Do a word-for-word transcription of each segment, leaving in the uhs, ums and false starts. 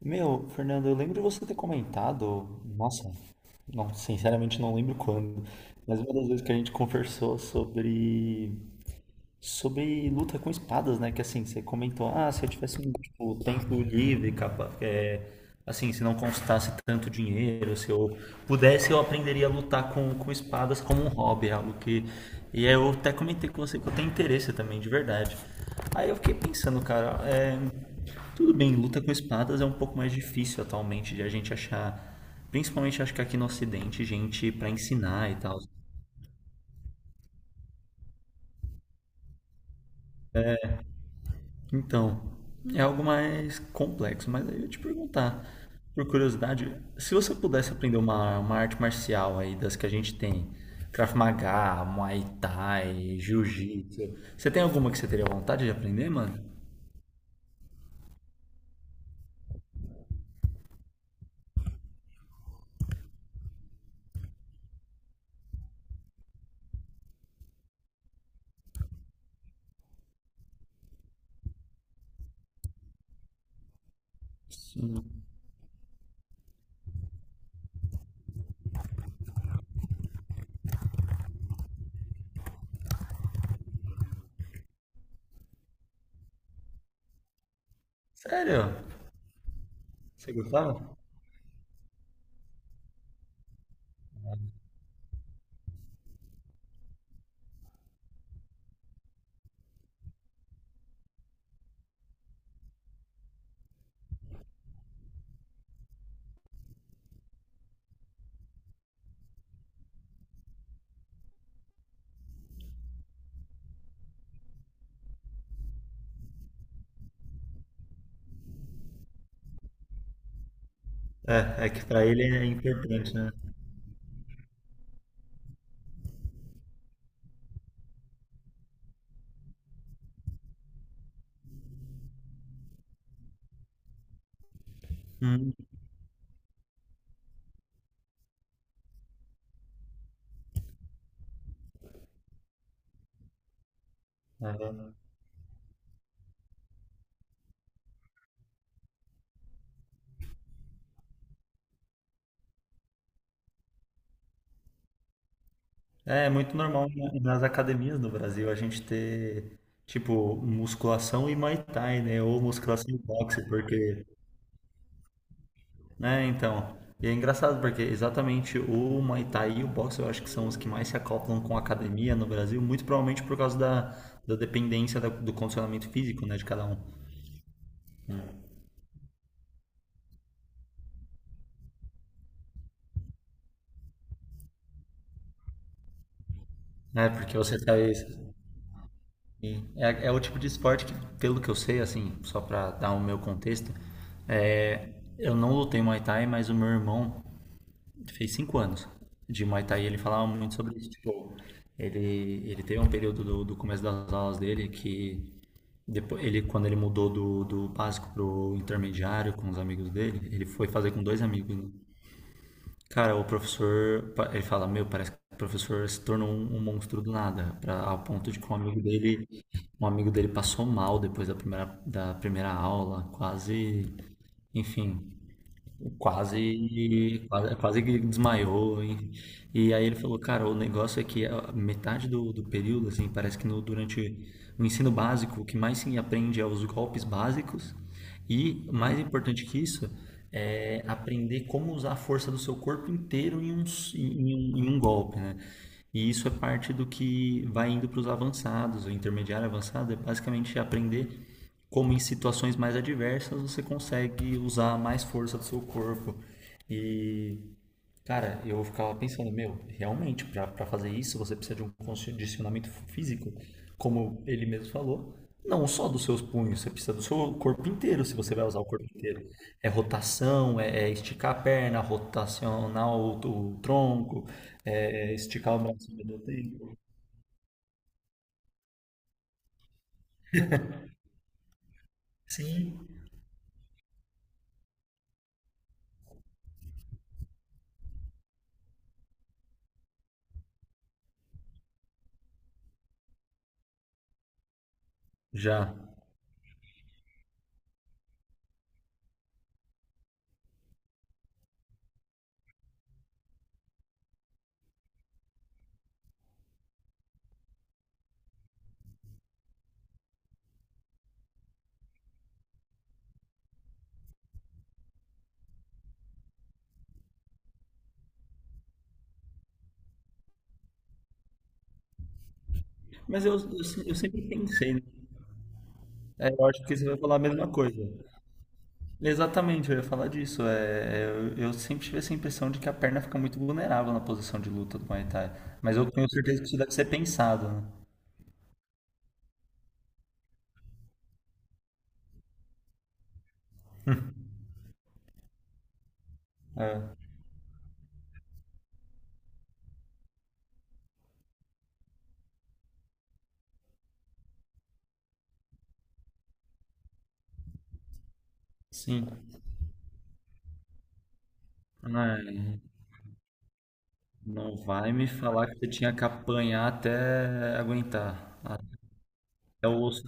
Meu, Fernando, eu lembro de você ter comentado, nossa, não, sinceramente não lembro quando, mas uma das vezes que a gente conversou sobre sobre luta com espadas, né? Que assim, você comentou, ah, se eu tivesse um tipo, tempo livre, capa, é, assim, se não constasse tanto dinheiro, se eu pudesse, eu aprenderia a lutar com, com espadas como um hobby, é algo que. E aí eu até comentei com você que eu tenho interesse também, de verdade. Aí eu fiquei pensando, cara, é, tudo bem, luta com espadas é um pouco mais difícil atualmente de a gente achar. Principalmente acho que aqui no Ocidente, gente pra ensinar e tal. Então, é algo mais complexo, mas aí eu ia te perguntar, por curiosidade, se você pudesse aprender uma, uma arte marcial aí das que a gente tem, Krav Maga, Muay Thai, Jiu-Jitsu, você tem alguma que você teria vontade de aprender, mano? Sério? Você gostava? É, é que pra ele é importante, né? Hum, aham. É, é muito normal na- nas academias do Brasil a gente ter, tipo, musculação e Muay Thai, né? Ou musculação e boxe, porque é, então. E é engraçado porque exatamente o Muay Thai e o boxe eu acho que são os que mais se acoplam com a academia no Brasil, muito provavelmente por causa da, da dependência da- do condicionamento físico, né, de cada um. É, porque você tá aí. E é, é o tipo de esporte que, pelo que eu sei, assim, só pra dar o meu contexto, é, eu não lutei Muay Thai, mas o meu irmão, fez cinco anos de Muay Thai. Ele falava muito sobre isso. Tipo, ele, ele teve um período do, do começo das aulas dele que depois, ele, quando ele mudou do, do básico pro intermediário com os amigos dele, ele foi fazer com dois amigos, né? Cara, o professor, pa- ele fala, meu, parece que o professor se tornou um, um monstro do nada, pra, ao ponto de que um amigo dele, um amigo dele passou mal depois da primeira, da primeira aula, quase, enfim, quase, quase, quase que desmaiou, hein? E aí ele falou, cara, o negócio é que a metade do, do período, assim, parece que no, durante o ensino básico, o que mais se aprende é os golpes básicos e, mais importante que isso, é aprender como usar a força do seu corpo inteiro em um, s- em um, em um golpe, né? E isso é parte do que vai indo para os avançados, o intermediário avançado é basicamente aprender como em situações mais adversas você consegue usar mais força do seu corpo. E, cara, eu ficava pensando, meu, realmente, para fazer isso você precisa de um condicionamento físico, como ele mesmo falou. Não só dos seus punhos, você precisa do seu corpo inteiro, se você vai usar o corpo inteiro. É rotação, é, é esticar a perna, rotacionar o, o tronco, é é esticar o braço ao mesmo tempo. Sim, já. Mas eu, eu, se- eu sempre pensei, né? É, eu acho que você vai falar a mesma coisa. Exatamente, eu ia falar disso. É, eu, eu sempre tive essa impressão de que a perna fica muito vulnerável na posição de luta do Muay Thai. Mas eu tenho certeza que isso deve ser pensado, né? Sim. Ai, não vai me falar que você tinha que apanhar até aguentar. Até o osso.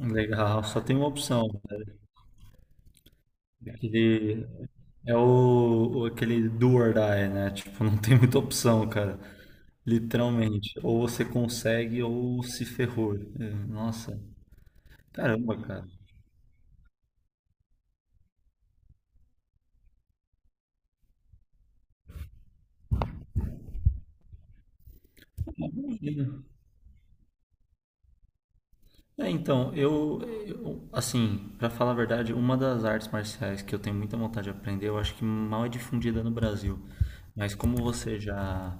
Legal, só tem uma opção, né? Aquele, é o, o- aquele do or die, né? Tipo, não tem muita opção, cara. Literalmente. Ou você consegue ou se ferrou. É, nossa. Caramba, cara. Imagina. É, então, eu, eu- assim, pra falar a verdade, uma das artes marciais que eu tenho muita vontade de aprender, eu acho que mal é difundida no Brasil. Mas como você já,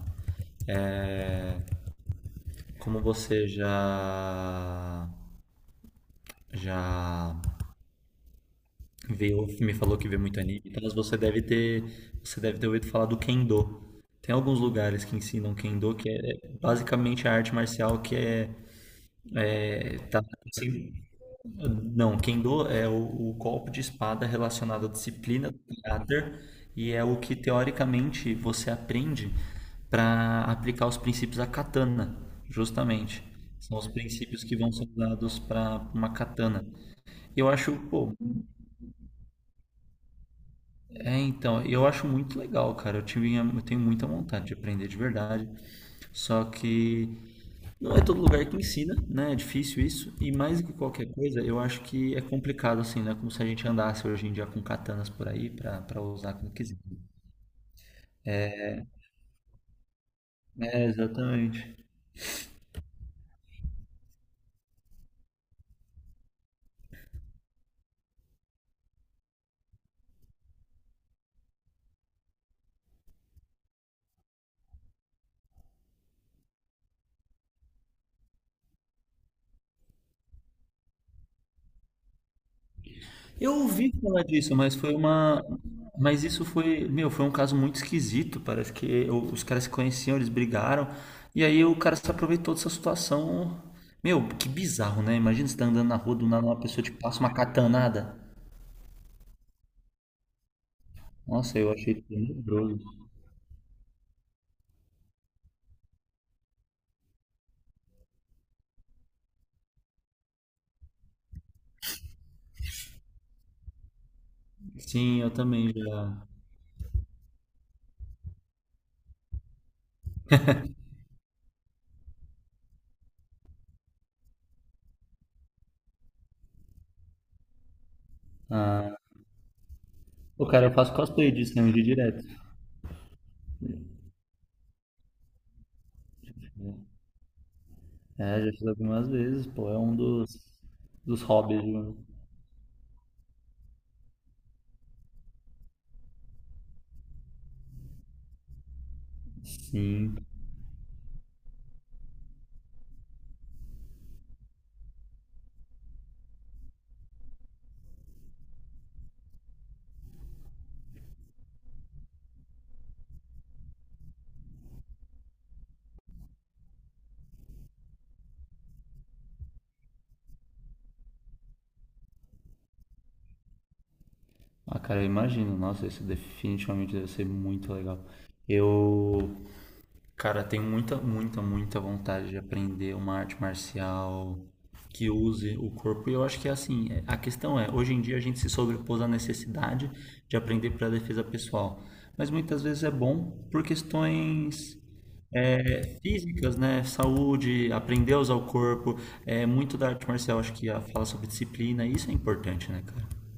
como você já, já viu, me falou que vê muito anime, então mas você deve ter, você deve ter ouvido falar do Kendo. Tem alguns lugares que ensinam Kendo, que é basicamente a arte marcial que é, é, tá, assim, não, Kendo é o, o golpe de espada relacionado à disciplina do caráter e é o que teoricamente você aprende para aplicar os princípios da katana, justamente. São os princípios que vão ser usados para uma katana. Eu acho, pô, É, então, eu acho muito legal, cara. Eu tinha, eu tenho muita vontade de aprender de verdade. Só que não é todo lugar que ensina, né? É difícil isso. E mais do que qualquer coisa, eu acho que é complicado, assim, né? Como se a gente andasse hoje em dia com katanas por aí pra, pra usar quando quiser. É, exatamente. Eu ouvi falar disso, mas foi uma. Mas isso foi, meu, foi um caso muito esquisito. Parece que o- os caras se conheciam, eles brigaram. E aí o cara se aproveitou dessa situação. Meu, que bizarro, né? Imagina você tá andando na rua, do nada uma pessoa te passa uma catanada. Nossa, eu achei tenebroso. Sim, eu também já. Ah, o cara, eu faço cosplay disso, né? De direto. É, já fiz algumas vezes, pô. É um dos, dos hobbies, viu? Sim. Ah, cara, eu imagino. Nossa, isso definitivamente deve ser muito legal. Eu, cara, tenho muita, muita, muita vontade de aprender uma arte marcial que use o corpo. E eu acho que é assim, é- a questão é, hoje em dia a gente se sobrepôs à necessidade de aprender para defesa pessoal. Mas muitas vezes é bom por questões é, físicas, né? Saúde, aprender a usar o corpo. É muito da arte marcial, acho que a fala sobre disciplina. Isso é importante, né, cara?